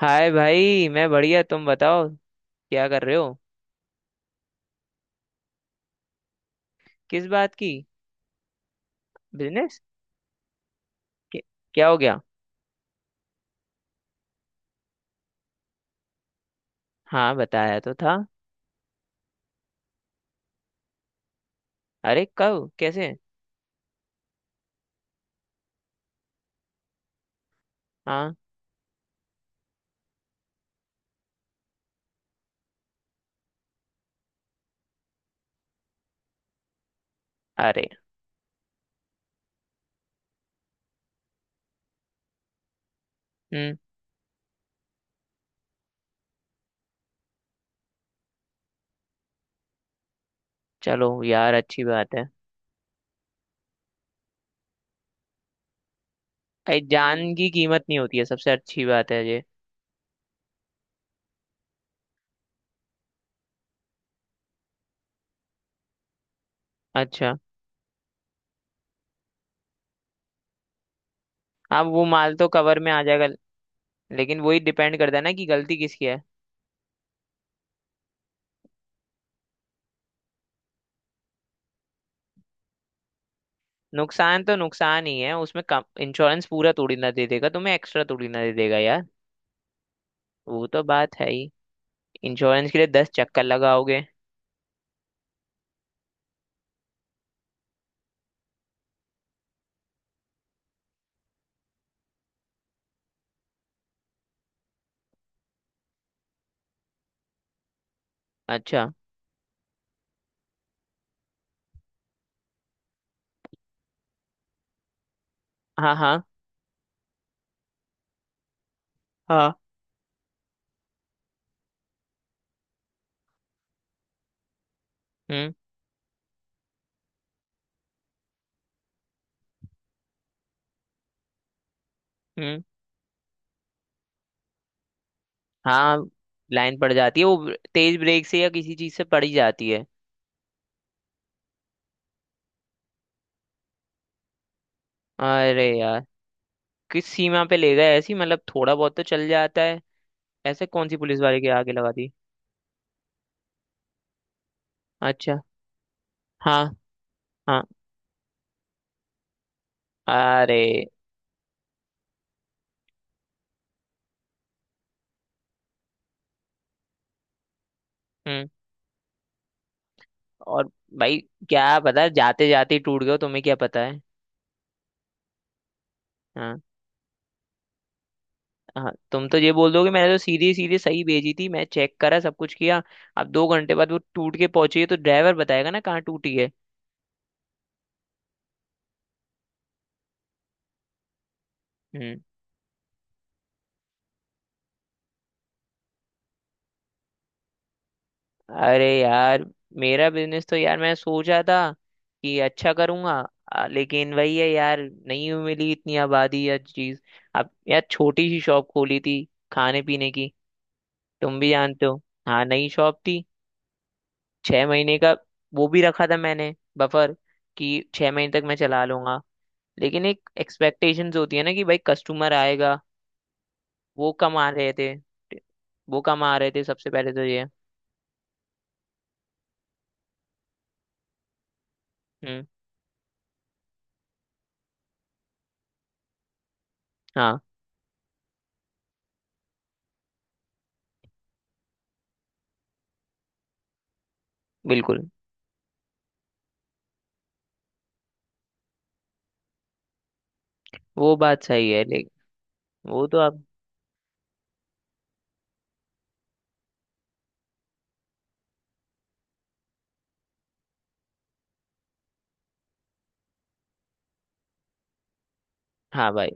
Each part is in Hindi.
हाय भाई, मैं बढ़िया। तुम बताओ क्या कर रहे हो। किस बात की। बिजनेस क्या हो गया। हाँ, बताया तो था। अरे कब कैसे। हाँ। अरे। हम्म। चलो यार, अच्छी बात है। अरे, जान की कीमत नहीं होती है, सबसे अच्छी बात है ये। अच्छा। अब वो माल तो कवर में आ जाएगा। लेकिन वही डिपेंड करता है ना कि गलती किसकी है। नुकसान तो नुकसान ही है उसमें, कम इंश्योरेंस पूरा थोड़ी ना दे देगा तुम्हें, एक्स्ट्रा थोड़ी ना दे देगा यार। वो तो बात है ही। इंश्योरेंस के लिए 10 चक्कर लगाओगे। अच्छा। हाँ हाँ हाँ। हम्म। हम्म। हाँ, लाइन पड़ जाती है वो तेज ब्रेक से या किसी चीज से पड़ ही जाती है। अरे यार। किस सीमा पे ले गए, ऐसी मतलब थोड़ा बहुत तो चल जाता है। ऐसे कौन सी पुलिस वाले के आगे लगा दी। अच्छा। हाँ हाँ। अरे। हम्म। और। भाई। क्या पता जाते जाते ही टूट गए हो, तुम्हें क्या पता है। हाँ। हाँ, तुम तो ये बोल दोगे, मैंने तो सीधी सीधी सही भेजी थी, मैं चेक करा सब कुछ किया। अब 2 घंटे बाद वो टूट के पहुंची है तो ड्राइवर बताएगा ना कहाँ टूटी है। अरे यार, मेरा बिजनेस तो यार मैं सोचा था कि अच्छा करूंगा। लेकिन वही है यार। नहीं मिली इतनी आबादी या चीज। अब यार, छोटी सी शॉप खोली थी खाने पीने की। तुम भी जानते हो। हाँ, नई शॉप थी। 6 महीने का वो भी रखा था मैंने बफर, कि 6 महीने तक मैं चला लूंगा। लेकिन एक एक्सपेक्टेशंस होती है ना कि भाई कस्टमर आएगा। वो कम आ रहे थे। वो कम आ रहे थे सबसे पहले तो ये। हम्म। हाँ। बिल्कुल। वो बात सही है। वो तो अब। हाँ भाई,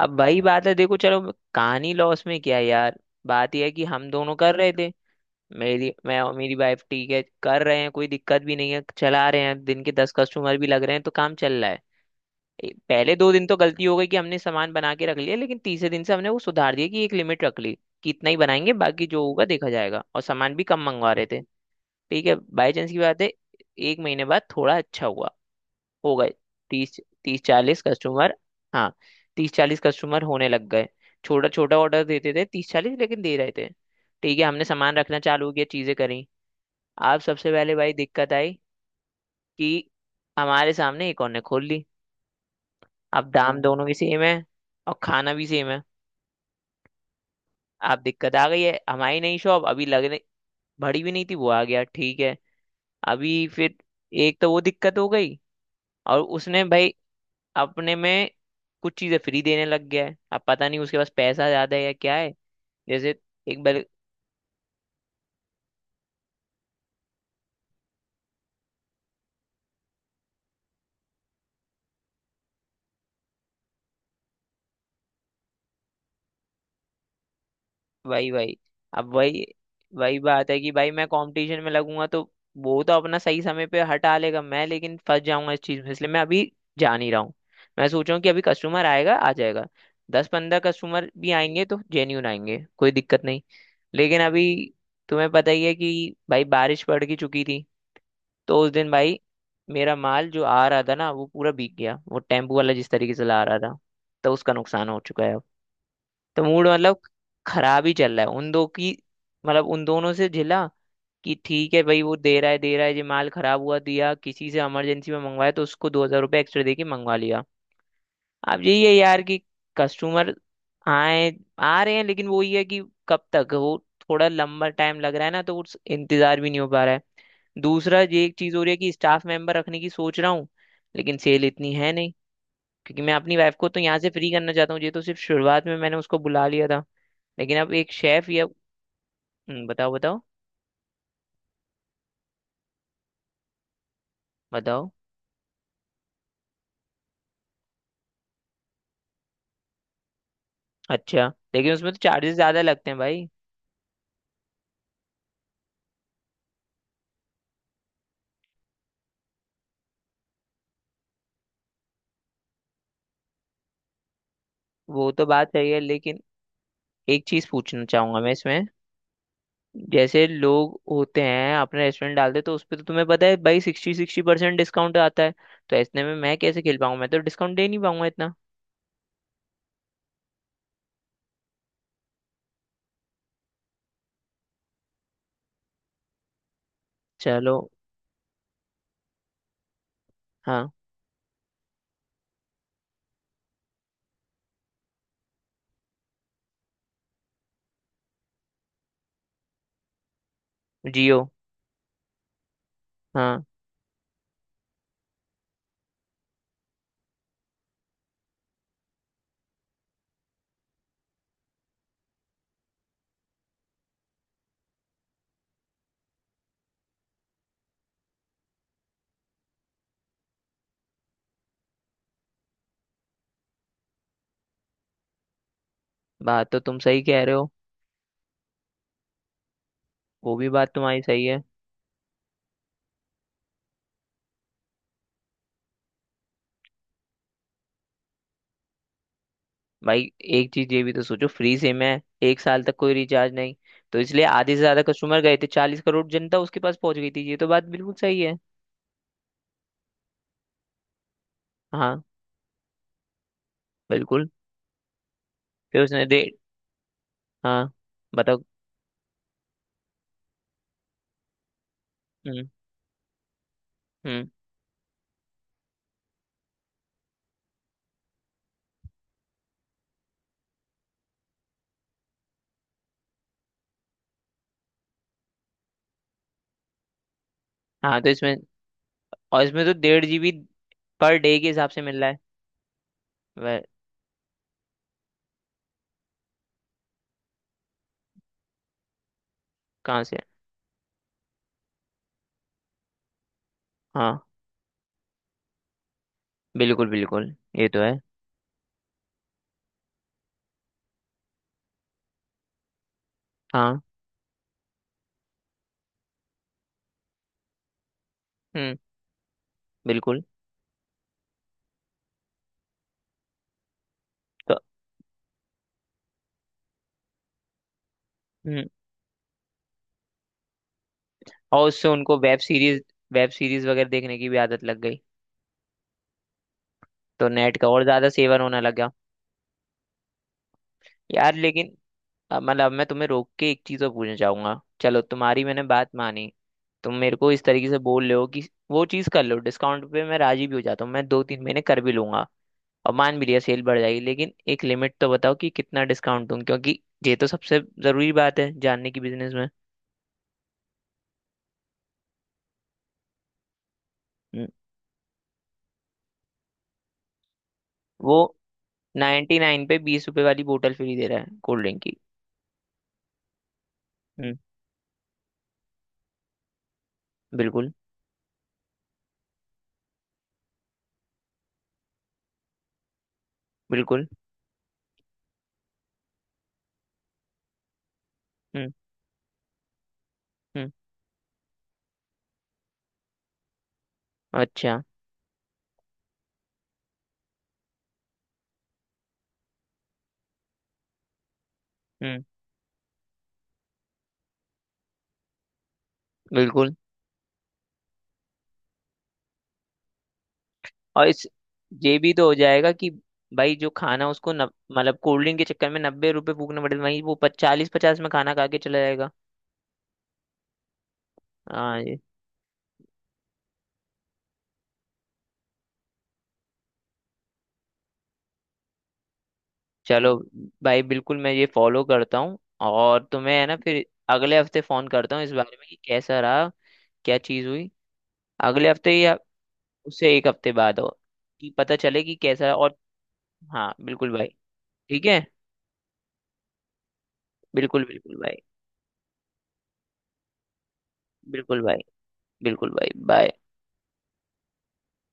अब वही बात है, देखो चलो। कहानी लॉस में क्या है यार। बात यह है कि हम दोनों कर रहे थे। मेरी, मैं और मेरी वाइफ, ठीक है, कर रहे हैं, कोई दिक्कत भी नहीं है, चला रहे हैं, दिन के 10 कस्टमर भी लग रहे हैं तो काम चल रहा है। पहले 2 दिन तो गलती हो गई कि हमने सामान बना के रख लिया, लेकिन तीसरे दिन से हमने वो सुधार दिया कि एक लिमिट रख ली कि इतना ही बनाएंगे, बाकी जो होगा देखा जाएगा, और सामान भी कम मंगवा रहे थे। ठीक है, बाई चांस की बात है। 1 महीने बाद थोड़ा अच्छा हुआ, हो गए 30 30 40 कस्टमर। हाँ। 30 40 कस्टमर होने लग गए। छोटा छोटा ऑर्डर देते थे, 30 40, लेकिन दे रहे थे। ठीक है, हमने सामान रखना चालू किया, चीजें करी। अब सबसे पहले भाई दिक्कत आई कि हमारे सामने एक और ने खोल ली। अब दाम दोनों के सेम है। और खाना भी सेम है। अब दिक्कत आ गई है, हमारी नई शॉप अभी लगने भरी भी नहीं थी, वो आ गया, ठीक है। अभी फिर एक तो वो दिक्कत हो गई। और उसने भाई अपने में कुछ चीजें फ्री देने लग गया है। अब पता नहीं उसके पास पैसा ज्यादा है या क्या है। जैसे एक बार। भाई भाई, अब वही वही बात है कि भाई मैं कंपटीशन में लगूंगा तो वो तो अपना सही समय पे हटा लेगा, मैं लेकिन फंस जाऊंगा इस चीज में, इसलिए मैं अभी जा नहीं रहा हूँ। मैं सोच रहा हूँ कि अभी कस्टमर आएगा आ जाएगा। 10 15 कस्टमर भी आएंगे तो जेन्यून आएंगे, कोई दिक्कत नहीं। लेकिन अभी, तुम्हें पता ही है कि भाई बारिश पड़ की चुकी थी, तो उस दिन भाई मेरा माल जो आ रहा था ना, वो पूरा भीग गया, वो टेम्पू वाला जिस तरीके से ला रहा था। तो उसका नुकसान हो चुका है अब। तो मूड मतलब खराब ही चल रहा है उन दो की। मतलब उन दोनों से झिला कि ठीक है भाई, वो दे रहा है दे रहा है, जो माल खराब हुआ दिया, किसी से इमरजेंसी में मंगवाया तो उसको 2,000 रुपये एक्स्ट्रा दे के मंगवा लिया। अब यही है यार कि कस्टमर आए, आ रहे हैं, लेकिन वो ये है कि कब तक वो, थोड़ा लंबा टाइम लग रहा है ना, तो उस इंतजार भी नहीं हो पा रहा है। दूसरा ये एक चीज हो रही है कि स्टाफ मेंबर रखने की सोच रहा हूँ, लेकिन सेल इतनी है नहीं। क्योंकि मैं अपनी वाइफ को तो यहाँ से फ्री करना चाहता हूँ, ये तो सिर्फ शुरुआत में मैंने उसको बुला लिया था, लेकिन अब एक शेफ या बताओ बताओ बताओ। अच्छा, लेकिन उसमें तो चार्जेस ज्यादा लगते हैं भाई। वो तो बात सही है, लेकिन एक चीज पूछना चाहूंगा मैं इसमें। जैसे लोग होते हैं अपना रेस्टोरेंट डालते तो उस पर तो तुम्हें पता है भाई सिक्सटी सिक्सटी परसेंट डिस्काउंट आता है। तो इतने में मैं कैसे खेल पाऊंगा, मैं तो डिस्काउंट दे नहीं पाऊंगा इतना। चलो। हाँ। जियो। हाँ। बात तो तुम सही कह रहे हो। वो भी बात तुम्हारी सही है। भाई एक चीज ये भी तो सोचो, फ्री सिम है, 1 साल तक कोई रिचार्ज नहीं, तो इसलिए आधे से ज्यादा कस्टमर गए थे, 40 करोड़ जनता उसके पास पहुंच गई थी। ये तो बात बिल्कुल सही है। हाँ। बिल्कुल। फिर उसने दे। हाँ। बताओ। हम्म। हम्म। हाँ तो इसमें। और इसमें तो 1.5 GB पर डे के हिसाब से मिल रहा है। वह। कहाँ से। हाँ। बिल्कुल बिल्कुल, ये तो है। हाँ। हम्म। बिल्कुल। तो। हम्म। और उससे उनको वेब सीरीज, वेब सीरीज वगैरह देखने की भी आदत लग गई। तो नेट का और ज्यादा सेवन होने लगा। यार लेकिन, अब मतलब, अब मैं तुम्हें रोक के एक चीज और पूछना चाहूंगा। चलो, तुम्हारी मैंने बात मानी। तुम मेरे को इस तरीके से बोल रहे हो कि वो चीज कर लो, डिस्काउंट पे मैं राजी भी हो जाता हूँ, मैं 2 3 महीने कर भी लूंगा और मान भी लिया सेल बढ़ जाएगी, लेकिन एक लिमिट तो बताओ कि कितना डिस्काउंट दूं, क्योंकि ये तो सबसे जरूरी बात है जानने की बिजनेस में। हम्म, वो 99 पे 20 रुपए वाली बोतल फ्री दे रहा है कोल्ड ड्रिंक की। हम्म। बिल्कुल। बिल्कुल। हम्म। हम्म। अच्छा। हम्म। बिल्कुल। और इस, ये भी तो हो जाएगा कि भाई, जो खाना उसको मतलब कोल्ड ड्रिंक के चक्कर में 90 रुपए फूकने पड़े, वहीं वो 40 50 में खाना खा के चला जाएगा। हाँ ये। चलो भाई, बिल्कुल मैं ये फॉलो करता हूँ। और तुम्हें है ना फिर, अगले हफ्ते फोन करता हूँ इस बारे में कि कैसा रहा, क्या चीज़ हुई। अगले हफ्ते या उससे एक हफ्ते बाद हो कि पता चले कि कैसा है। और हाँ बिल्कुल भाई, ठीक है। बिल्कुल बिल्कुल भाई। बिल्कुल भाई। बिल्कुल भाई बाय।